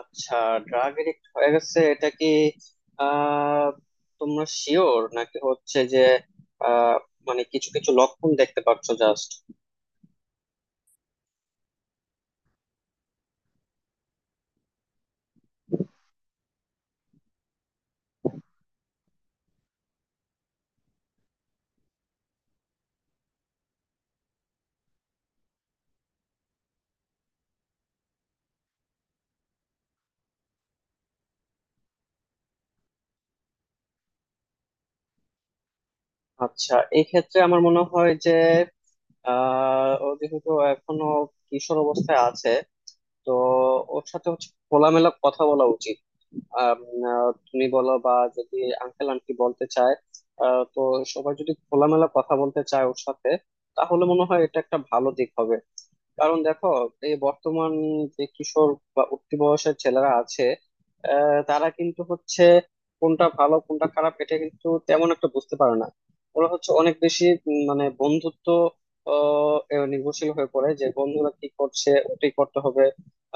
আচ্ছা, drug addict হয়ে গেছে এটা কি? আহ তোমরা শিওর নাকি, হচ্ছে যে আহ মানে কিছু কিছু লক্ষণ দেখতে পাচ্ছ জাস্ট? আচ্ছা, এই ক্ষেত্রে আমার মনে হয় যে ও যেহেতু এখনো কিশোর অবস্থায় আছে, তো ওর সাথে হচ্ছে খোলামেলা কথা বলা উচিত। আম, তুমি বলো, বা যদি আঙ্কেল আন্টি বলতে চায়, তো সবাই যদি খোলামেলা কথা বলতে চায় ওর সাথে, তাহলে মনে হয় এটা একটা ভালো দিক হবে। কারণ দেখো, এই বর্তমান যে কিশোর বা উঠতি বয়সের ছেলেরা আছে, তারা কিন্তু হচ্ছে কোনটা ভালো কোনটা খারাপ এটা কিন্তু তেমন একটা বুঝতে পারে না। ওরা হচ্ছে অনেক বেশি মানে বন্ধুত্ব, এ নির্ভরশীল হয়ে পড়ে যে বন্ধুরা কি করছে ওটাই করতে হবে।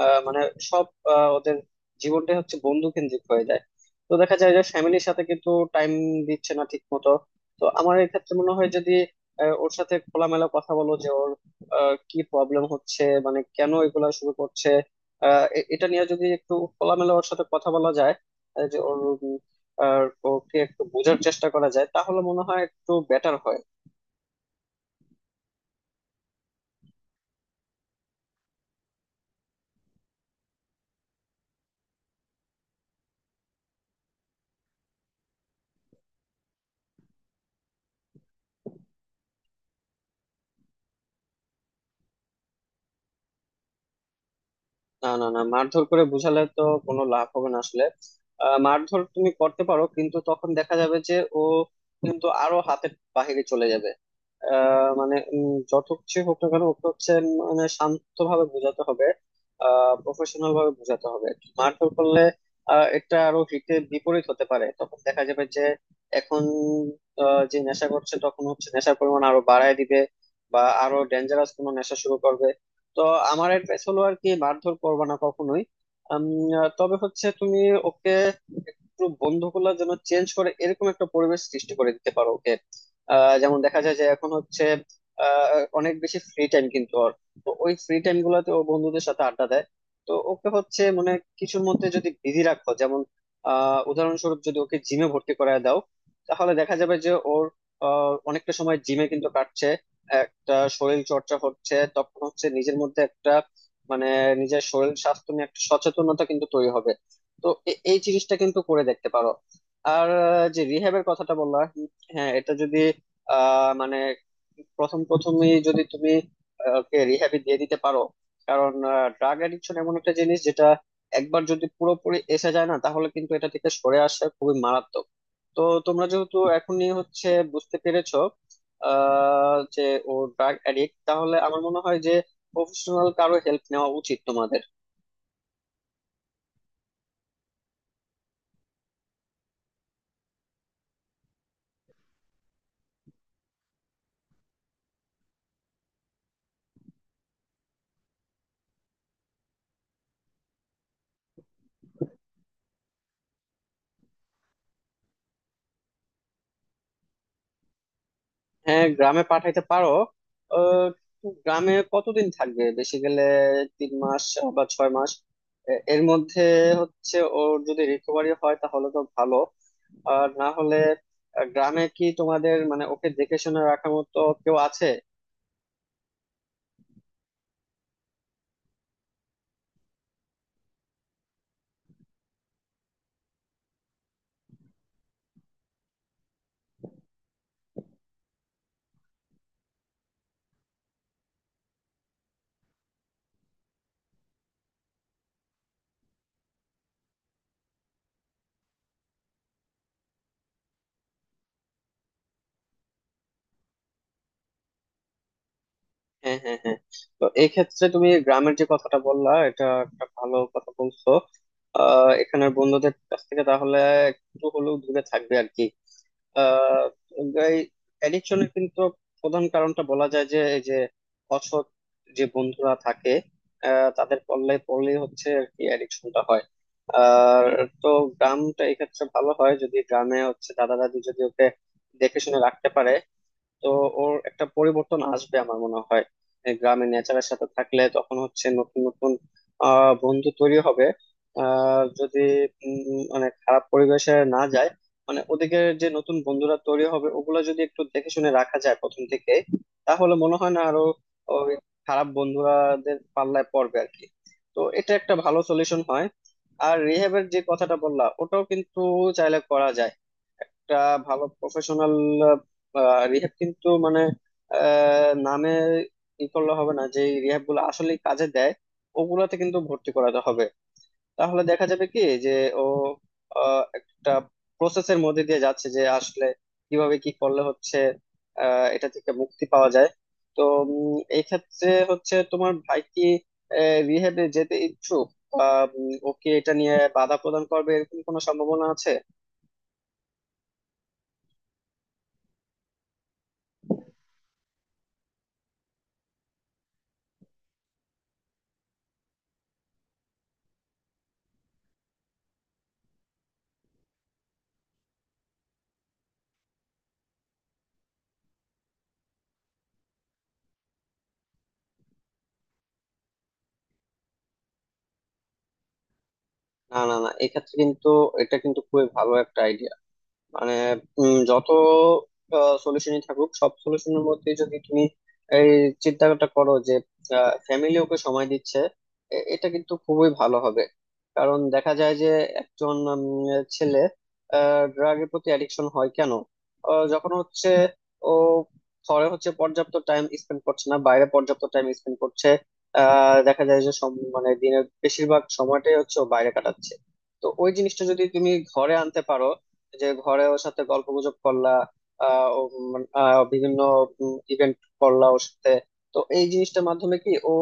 মানে সব ওদের জীবনটাই হচ্ছে বন্ধু কেন্দ্রিক হয়ে যায়। তো দেখা যায় যে ফ্যামিলির সাথে কিন্তু টাইম দিচ্ছে না ঠিক মতো। তো আমার এই ক্ষেত্রে মনে হয় যদি ওর সাথে খোলামেলা কথা বলো, যে ওর কি প্রবলেম হচ্ছে, মানে কেন এগুলা শুরু করছে। এটা নিয়ে যদি একটু খোলামেলা ওর সাথে কথা বলা যায়, যে ওর উম, আর ওকে একটু বোঝার চেষ্টা করা যায়, তাহলে মনে হয় একটু বেটার হয়। না, না, না, মারধর করে বুঝালে তো কোনো লাভ হবে না আসলে। মারধর তুমি করতে পারো কিন্তু তখন দেখা যাবে যে ও কিন্তু আরো হাতের বাহিরে চলে যাবে। মানে যত কিছু হোক না কেন ওকে হচ্ছে মানে শান্তভাবে বোঝাতে হবে, প্রফেশনাল ভাবে বোঝাতে হবে। মারধর করলে এটা আরো হিতে বিপরীত হতে পারে, তখন দেখা যাবে যে এখন যে নেশা করছে তখন হচ্ছে নেশার পরিমাণ আরো বাড়ায় দিবে, বা আরো ডেঞ্জারাস কোনো নেশা শুরু করবে। তো আমার অ্যাডভাইস হলো আর কি মারধর করবে না কখনোই। আম, তবে হচ্ছে তুমি ওকে একটু বন্ধুগুলো যেন চেঞ্জ করে এরকম একটা পরিবেশ সৃষ্টি করে দিতে পারো ওকে। যেমন দেখা যায় যে এখন হচ্ছে অনেক বেশি ফ্রি টাইম কিন্তু ওর, তো ওই ফ্রি টাইম গুলাতে ও বন্ধুদের সাথে আড্ডা দেয়। তো ওকে হচ্ছে মানে কিছুর মধ্যে যদি বিজি রাখো, যেমন উদাহরণস্বরূপ যদি ওকে জিমে ভর্তি করায় দাও, তাহলে দেখা যাবে যে ওর অনেকটা সময় জিমে কিন্তু কাটছে, একটা শরীর চর্চা হচ্ছে, তখন হচ্ছে নিজের মধ্যে একটা মানে নিজের শরীর স্বাস্থ্য নিয়ে একটা সচেতনতা কিন্তু তৈরি হবে। তো এই জিনিসটা কিন্তু করে দেখতে পারো। আর যে রিহ্যাবের কথাটা বললা, হ্যাঁ এটা যদি মানে প্রথম প্রথমে যদি তুমি ওকে রিহ্যাবে দিয়ে দিতে পারো। কারণ ড্রাগ অ্যাডিকশন এমন একটা জিনিস যেটা একবার যদি পুরোপুরি এসে যায় না, তাহলে কিন্তু এটা থেকে সরে আসা খুবই মারাত্মক। তো তোমরা যেহেতু এখনই হচ্ছে বুঝতে পেরেছো যে ও ড্রাগ অ্যাডিক্ট, তাহলে আমার মনে হয় যে প্রফেশনাল কারো হেল্প নেওয়া উচিত তোমাদের। হ্যাঁ, গ্রামে পাঠাইতে পারো। আহ, গ্রামে কতদিন থাকবে, বেশি গেলে 3 মাস বা 6 মাস, এর মধ্যে হচ্ছে ওর যদি রিকভারি হয় তাহলে তো ভালো। আর না হলে গ্রামে কি তোমাদের মানে ওকে দেখে শুনে রাখার মতো কেউ আছে? হ্যাঁ, হ্যাঁ, হ্যাঁ, তো এই ক্ষেত্রে তুমি গ্রামের যে কথাটা বললা এটা একটা ভালো কথা বলছো। এখানের বন্ধুদের কাছ থেকে তাহলে একটু হলেও দূরে থাকবে আর কি। আহ এই অ্যাডিকশনের কিন্তু প্রধান কারণটা বলা যায় যে এই যে অসৎ যে বন্ধুরা থাকে, তাদের পল্লে পড়লেই হচ্ছে আর কি অ্যাডিকশনটা হয়। আর তো গ্রামটা এক্ষেত্রে ভালো হয় যদি গ্রামে হচ্ছে দাদা দাদি যদি ওকে দেখে শুনে রাখতে পারে। তো ওর একটা পরিবর্তন আসবে আমার মনে হয়। এই গ্রামে নেচারের সাথে থাকলে তখন হচ্ছে নতুন নতুন বন্ধু তৈরি হবে। যদি মানে খারাপ পরিবেশে না যায়, মানে ওদিকে যে নতুন বন্ধুরা তৈরি হবে ওগুলো যদি একটু দেখে শুনে রাখা যায় প্রথম থেকে, তাহলে মনে হয় না আরো ওই খারাপ বন্ধুরাদের পাল্লায় পড়বে আর কি। তো এটা একটা ভালো সলিউশন হয়। আর রিহেবের যে কথাটা বললা, ওটাও কিন্তু চাইলে করা যায়। একটা ভালো প্রফেশনাল রিহ্যাব, কিন্তু মানে নামে ই করলে হবে না, যে রিহ্যাব গুলো আসলে কাজে দেয় ওগুলাতে কিন্তু ভর্তি করাতে হবে। তাহলে দেখা যাবে কি যে ও একটা প্রসেসের মধ্যে দিয়ে যাচ্ছে, যে আসলে কিভাবে কি করলে হচ্ছে এটা থেকে মুক্তি পাওয়া যায়। তো এই ক্ষেত্রে হচ্ছে তোমার ভাই কি রিহ্যাবে যেতে ইচ্ছুক, বা ও কি এটা নিয়ে বাধা প্রদান করবে, এরকম কোনো সম্ভাবনা আছে? না, না, না, এক্ষেত্রে কিন্তু এটা কিন্তু খুবই ভালো একটা মানে যত সলিউশনই থাকুক সব সলিউশনের মধ্যে যদি তুমি এই চিন্তাটা করো যে ফ্যামিলি ওকে সময় দিচ্ছে, এটা কিন্তু খুবই ভালো হবে। কারণ দেখা যায় যে একজন ছেলে ড্রাগের প্রতি অ্যাডিকশন হয় কেন? যখন হচ্ছে ও ঘরে হচ্ছে পর্যাপ্ত টাইম স্পেন্ড করছে না, বাইরে পর্যাপ্ত টাইম স্পেন্ড করছে। দেখা যায় যে মানে দিনের বেশিরভাগ সময়টাই হচ্ছে ও বাইরে কাটাচ্ছে। তো ওই জিনিসটা যদি তুমি ঘরে আনতে পারো, যে ঘরে ওর সাথে গল্প গুজব করলা, ও মানে, বিভিন্ন ইভেন্ট করলা ওর সাথে, তো এই জিনিসটার মাধ্যমে কি ও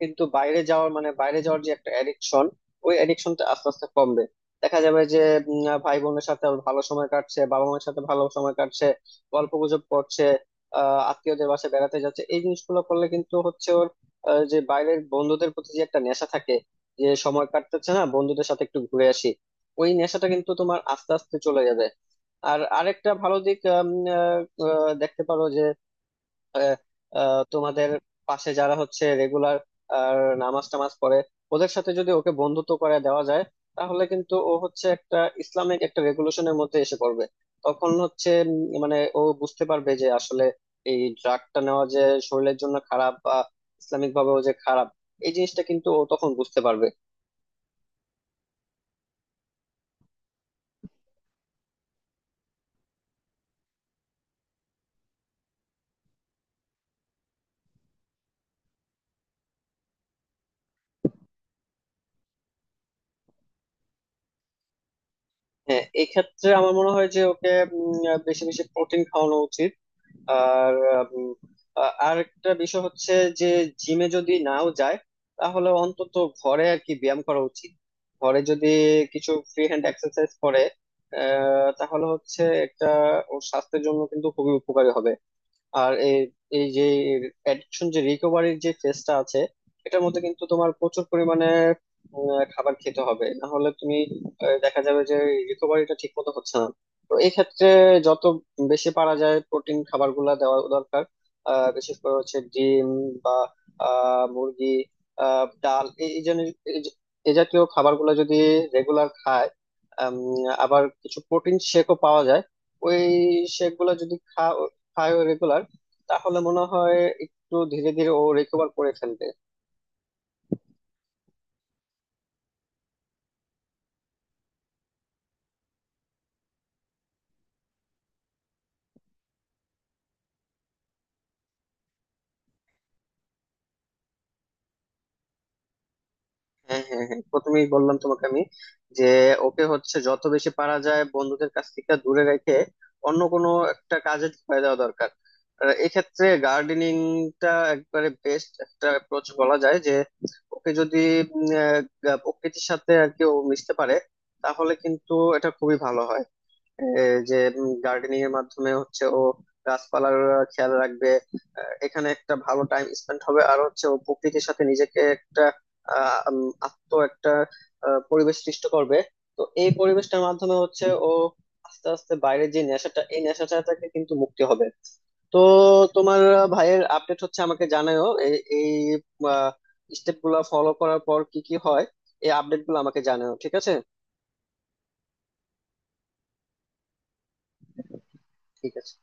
কিন্তু বাইরে যাওয়ার মানে বাইরে যাওয়ার যে একটা অ্যাডিকশন, ওই অ্যাডিকশনটা আস্তে আস্তে কমবে। দেখা যাবে যে ভাই বোনের সাথে ওর ভালো সময় কাটছে, বাবা মায়ের সাথে ভালো সময় কাটছে, গল্প গুজব করছে, আত্মীয়দের বাসায় বেড়াতে যাচ্ছে, এই জিনিসগুলো করলে কিন্তু হচ্ছে ওর যে বাইরের বন্ধুদের প্রতি যে একটা নেশা থাকে, যে সময় কাটতেছে না বন্ধুদের সাথে একটু ঘুরে আসি, ওই নেশাটা কিন্তু তোমার আস্তে আস্তে চলে যাবে। আর আরেকটা ভালো দিক আহ, দেখতে পারো যে আহ, আহ, তোমাদের পাশে যারা হচ্ছে রেগুলার নামাজ টামাজ পড়ে, ওদের সাথে যদি ওকে বন্ধুত্ব করে দেওয়া যায়, তাহলে কিন্তু ও হচ্ছে একটা ইসলামিক একটা রেগুলেশনের মধ্যে এসে পড়বে। তখন হচ্ছে মানে ও বুঝতে পারবে যে আসলে এই ড্রাগটা নেওয়া যে শরীরের জন্য খারাপ, বা ইসলামিক ভাবেও যে খারাপ, এই জিনিসটা কিন্তু ও তখন বুঝতে পারবে। হ্যাঁ, এক্ষেত্রে আমার মনে হয় যে ওকে বেশি বেশি প্রোটিন খাওয়ানো উচিত। আর উম, আর একটা বিষয় হচ্ছে যে জিমে যদি নাও যায় তাহলে অন্তত ঘরে আর কি ব্যায়াম করা উচিত। ঘরে যদি কিছু ফ্রি হ্যান্ড এক্সারসাইজ করে, তাহলে হচ্ছে একটা ওর স্বাস্থ্যের জন্য কিন্তু খুবই উপকারী হবে। আর এই এই যে অ্যাডিকশন যে রিকভারির যে ফেজটা আছে, এটার মধ্যে কিন্তু তোমার প্রচুর পরিমাণে খাবার খেতে হবে, না হলে তুমি দেখা যাবে যে রিকভারিটা ঠিক মতো হচ্ছে না। তো এই ক্ষেত্রে যত বেশি পারা যায় প্রোটিন খাবারগুলা দেওয়া দরকার। বিশেষ করে হচ্ছে ডিম বা মুরগি, ডাল, এই এই এই জাতীয় খাবারগুলো যদি রেগুলার খায়। আম, আবার কিছু প্রোটিন শেকও পাওয়া যায়, ওই শেক গুলা যদি খায় রেগুলার, তাহলে মনে হয় একটু ধীরে ধীরে ও রিকভার করে ফেলবে। হ্যাঁ, হ্যাঁ, হ্যাঁ, প্রথমেই বললাম তোমাকে আমি যে ওকে হচ্ছে যত বেশি পারা যায় বন্ধুদের কাছ থেকে দূরে রেখে অন্য কোনো একটা কাজে ঢুকিয়ে দেওয়া দরকার। আর এক্ষেত্রে গার্ডেনিংটা একবারে বেস্ট একটা অ্যাপ্রোচ বলা যায়। যে ওকে যদি উম, প্রকৃতির সাথে আর কি ও মিশতে পারে, তাহলে কিন্তু এটা খুবই ভালো হয়। এই যে গার্ডেনিং এর মাধ্যমে হচ্ছে ও গাছপালার খেয়াল রাখবে, এখানে একটা ভালো টাইম স্পেন্ড হবে, আর হচ্ছে ও প্রকৃতির সাথে নিজেকে একটা আত্ম একটা পরিবেশ সৃষ্টি করবে। তো এই পরিবেশটার মাধ্যমে হচ্ছে ও আস্তে আস্তে বাইরের যে নেশাটা এই নেশাটা থেকে কিন্তু মুক্তি হবে। তো তোমার ভাইয়ের আপডেট হচ্ছে আমাকে জানাও, এই এই স্টেপ গুলা ফলো করার পর কি কি হয়, এই আপডেট গুলো আমাকে জানাও, ঠিক আছে? ঠিক আছে।